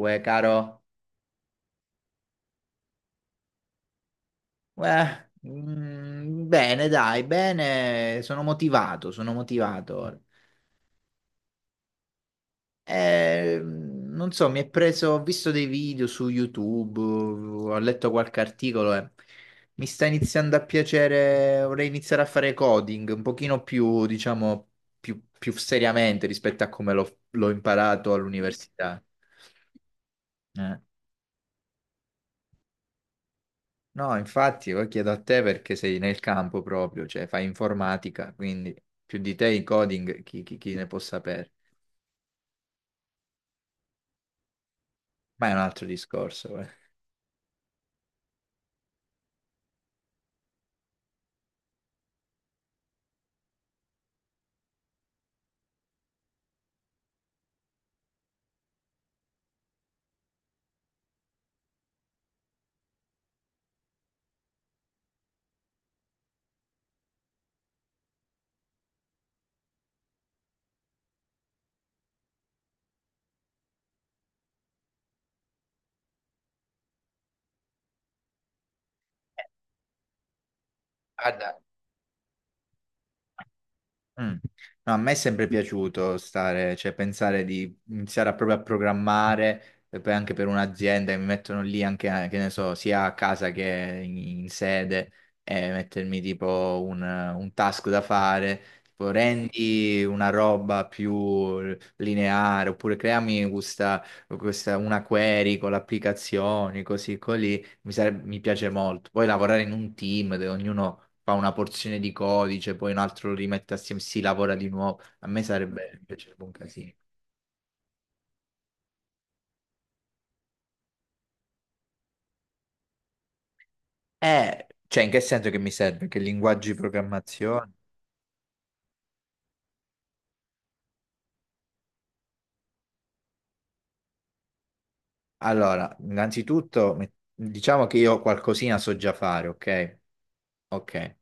Uè, caro, uè, bene, dai, bene, sono motivato, sono motivato ora. Non so, mi è preso, ho visto dei video su YouTube, ho letto qualche articolo e mi sta iniziando a piacere, vorrei iniziare a fare coding un pochino più, diciamo, più seriamente rispetto a come l'ho imparato all'università. Eh. No, infatti, io chiedo a te perché sei nel campo proprio, cioè fai informatica, quindi più di te i coding chi ne può sapere. Ma è un altro discorso, eh. Guarda. Mm. No, a me è sempre piaciuto stare, cioè pensare di iniziare a proprio a programmare e poi anche per un'azienda che mi mettono lì anche, che ne so, sia a casa che in sede e mettermi tipo un task da fare, tipo rendi una roba più lineare oppure creami una query con le applicazioni, così così mi piace molto. Poi lavorare in un team dove ognuno fa una porzione di codice, poi un altro lo rimette assieme, si lavora di nuovo. Mi piacerebbe un casino. Cioè, in che senso che mi serve? Che linguaggi di programmazione? Allora, innanzitutto, diciamo che io qualcosina so già fare, ok? Ok.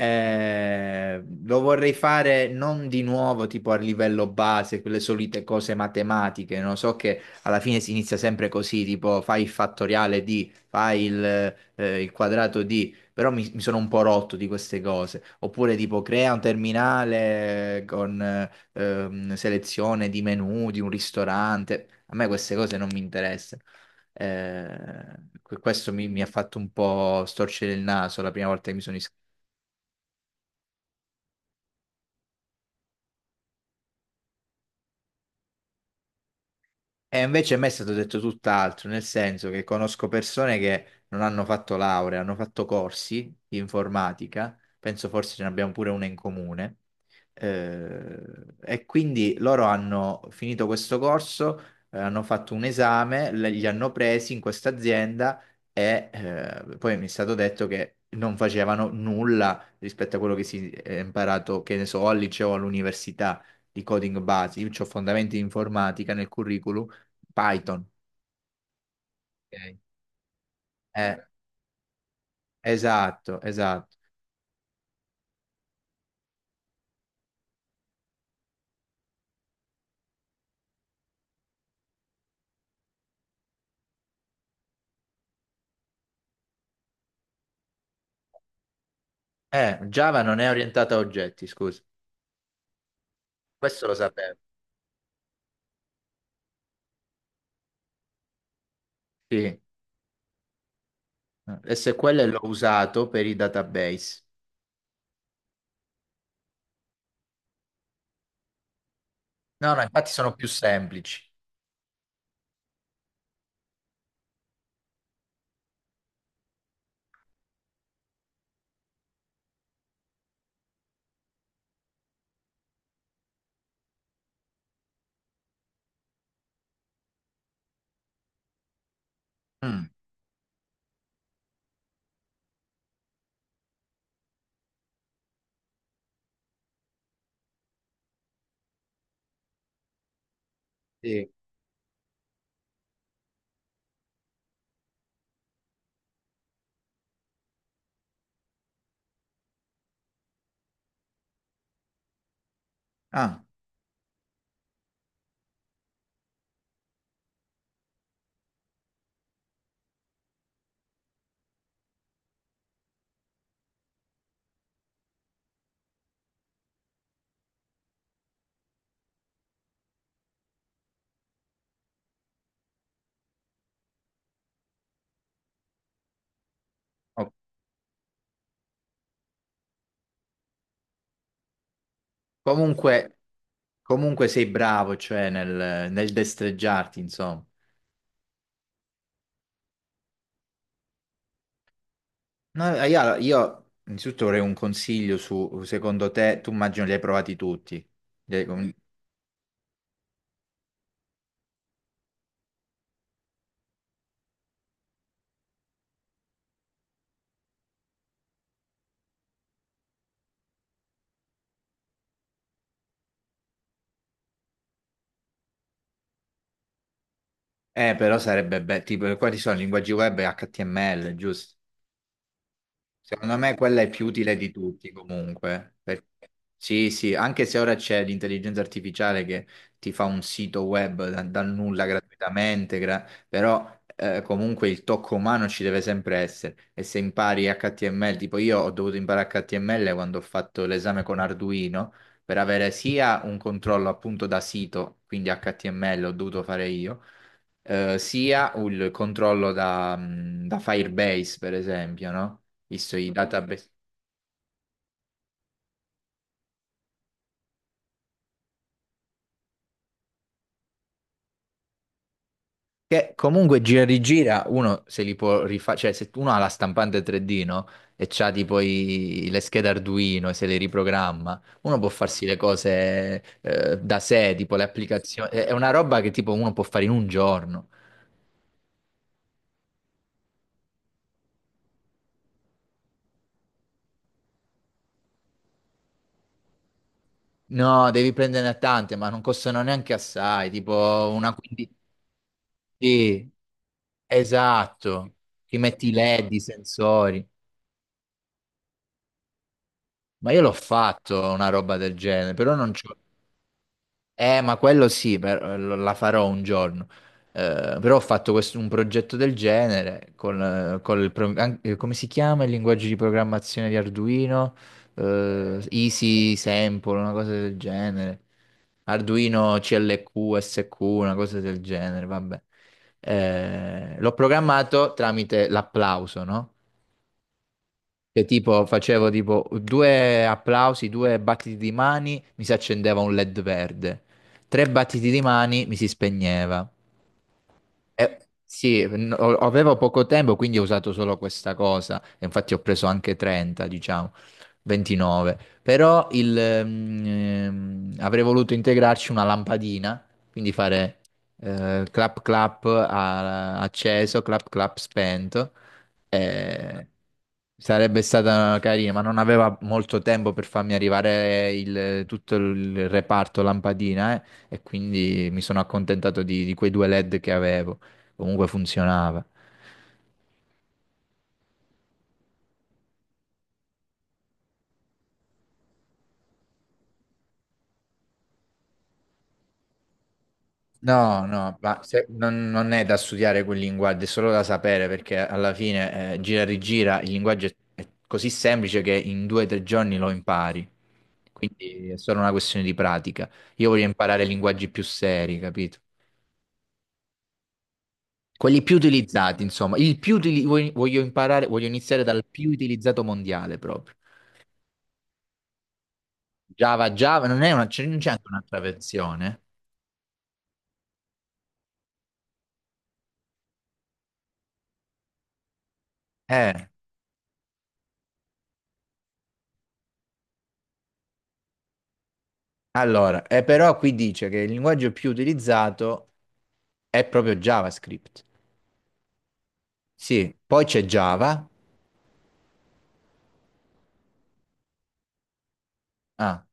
Lo vorrei fare non di nuovo tipo a livello base, quelle solite cose matematiche, non so, che alla fine si inizia sempre così, tipo fai il fattoriale di, fai il quadrato di, però mi sono un po' rotto di queste cose, oppure tipo crea un terminale con selezione di menu di un ristorante, a me queste cose non mi interessano. Eh, questo mi ha fatto un po' storcere il naso la prima volta che mi sono iscritto. E invece a me è stato detto tutt'altro, nel senso che conosco persone che non hanno fatto laurea, hanno fatto corsi di informatica, penso forse ce ne abbiamo pure una in comune, eh, e quindi loro hanno finito questo corso, hanno fatto un esame, li hanno presi in questa azienda e poi mi è stato detto che non facevano nulla rispetto a quello che si è imparato, che ne so, al liceo, o all'università di coding base. Io ho fondamenti di informatica nel curriculum, Python. Ok. Eh, esatto, esatto. Java non è orientata a oggetti, scusa. Questo lo sapevo. Sì. SQL l'ho usato per i database. No, no, infatti sono più semplici. Mm, sì. Ah, ok. Comunque, comunque sei bravo, cioè nel destreggiarti, insomma. No, io innanzitutto vorrei un consiglio su, secondo te, tu immagino li hai provati tutti, li hai- eh, però sarebbe bello, tipo, quali sono linguaggi web e HTML, giusto? Secondo me quella è più utile di tutti comunque, perché... Sì, sì, anche se ora c'è l'intelligenza artificiale che ti fa un sito web dal nulla gratuitamente, però comunque il tocco umano ci deve sempre essere. E se impari HTML, tipo io ho dovuto imparare HTML quando ho fatto l'esame con Arduino per avere sia un controllo appunto da sito, quindi HTML ho dovuto fare io, sia il controllo da, da Firebase, per esempio, no? Visto i... Mhm. Database. Che comunque gira rigira, uno se li può rifare, cioè se uno ha la stampante 3D, no? E c'ha tipo le schede Arduino e se le riprogramma, uno può farsi le cose, da sé, tipo le applicazioni. È una roba che tipo uno può fare in un giorno. No, devi prenderne tante, ma non costano neanche assai, tipo una quindicina. Sì. Esatto, ti metti i LED, i sensori. Ma io l'ho fatto una roba del genere, però non c'ho... ma quello sì, la farò un giorno. Però ho fatto un progetto del genere con, come si chiama il linguaggio di programmazione di Arduino? Easy Sample, una cosa del genere. Arduino CLQ, SQ, una cosa del genere, vabbè. L'ho programmato tramite l'applauso, no? Che tipo facevo tipo due applausi, due battiti di mani, mi si accendeva un LED verde. Tre battiti di mani, mi si spegneva. Eh, sì, avevo poco tempo, quindi ho usato solo questa cosa. E infatti ho preso anche 30, diciamo, 29. Però il, avrei voluto integrarci una lampadina, quindi fare clap clap acceso, clap clap spento. Eh, sarebbe stata carina, ma non aveva molto tempo per farmi arrivare tutto il reparto lampadina, e quindi mi sono accontentato di quei due LED che avevo. Comunque funzionava. No, no, ma non è da studiare quel linguaggio, è solo da sapere perché alla fine gira e rigira il linguaggio è così semplice che in due o tre giorni lo impari. Quindi è solo una questione di pratica. Io voglio imparare linguaggi più seri, capito? Quelli più utilizzati, insomma. Voglio, voglio imparare, voglio iniziare dal più utilizzato mondiale proprio. Java, Java, non è una, non c'è anche un'altra versione? Eh, Allora, però qui dice che il linguaggio più utilizzato è proprio JavaScript. Sì, poi c'è Java. Ah,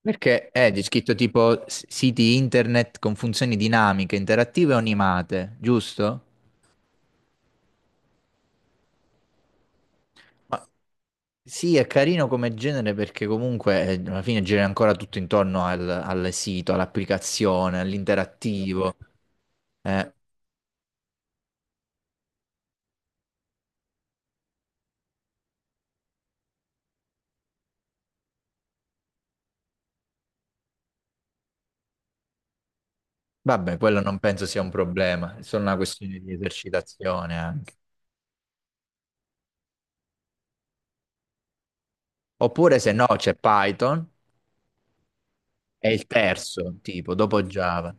perché è di scritto tipo siti internet con funzioni dinamiche, interattive o animate, giusto? Ma sì, è carino come genere perché comunque alla fine gira ancora tutto intorno al, al sito, all'applicazione, all'interattivo. Eh, vabbè, quello non penso sia un problema, è solo una questione di esercitazione anche. Oppure se no c'è Python, è il terzo tipo, dopo Java.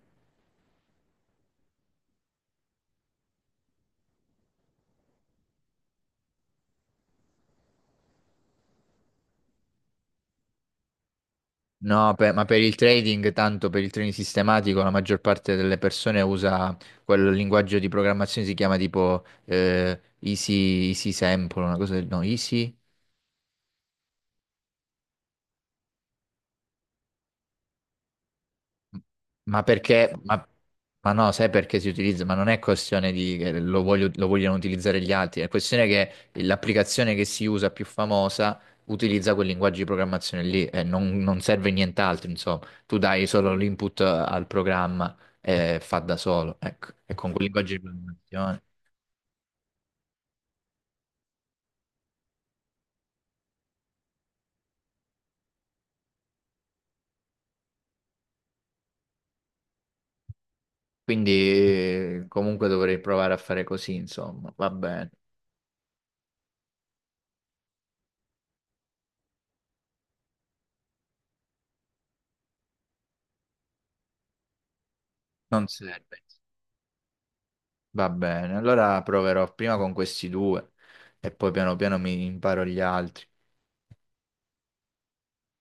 No, ma per il trading, tanto per il trading sistematico, la maggior parte delle persone usa quel linguaggio di programmazione, si chiama tipo Easy Sample, una cosa del... no, Easy. Ma perché? Ma no, sai perché si utilizza? Ma non è questione di che lo vogliono utilizzare gli altri, è questione che l'applicazione che si usa più famosa utilizza quel linguaggio di programmazione lì e non, non serve nient'altro, insomma. Tu dai solo l'input al programma e fa da solo, ecco, e con quel linguaggio di programmazione. Quindi comunque dovrei provare a fare così, insomma, va bene, non serve. Va bene, allora proverò prima con questi due e poi piano piano mi imparo gli altri.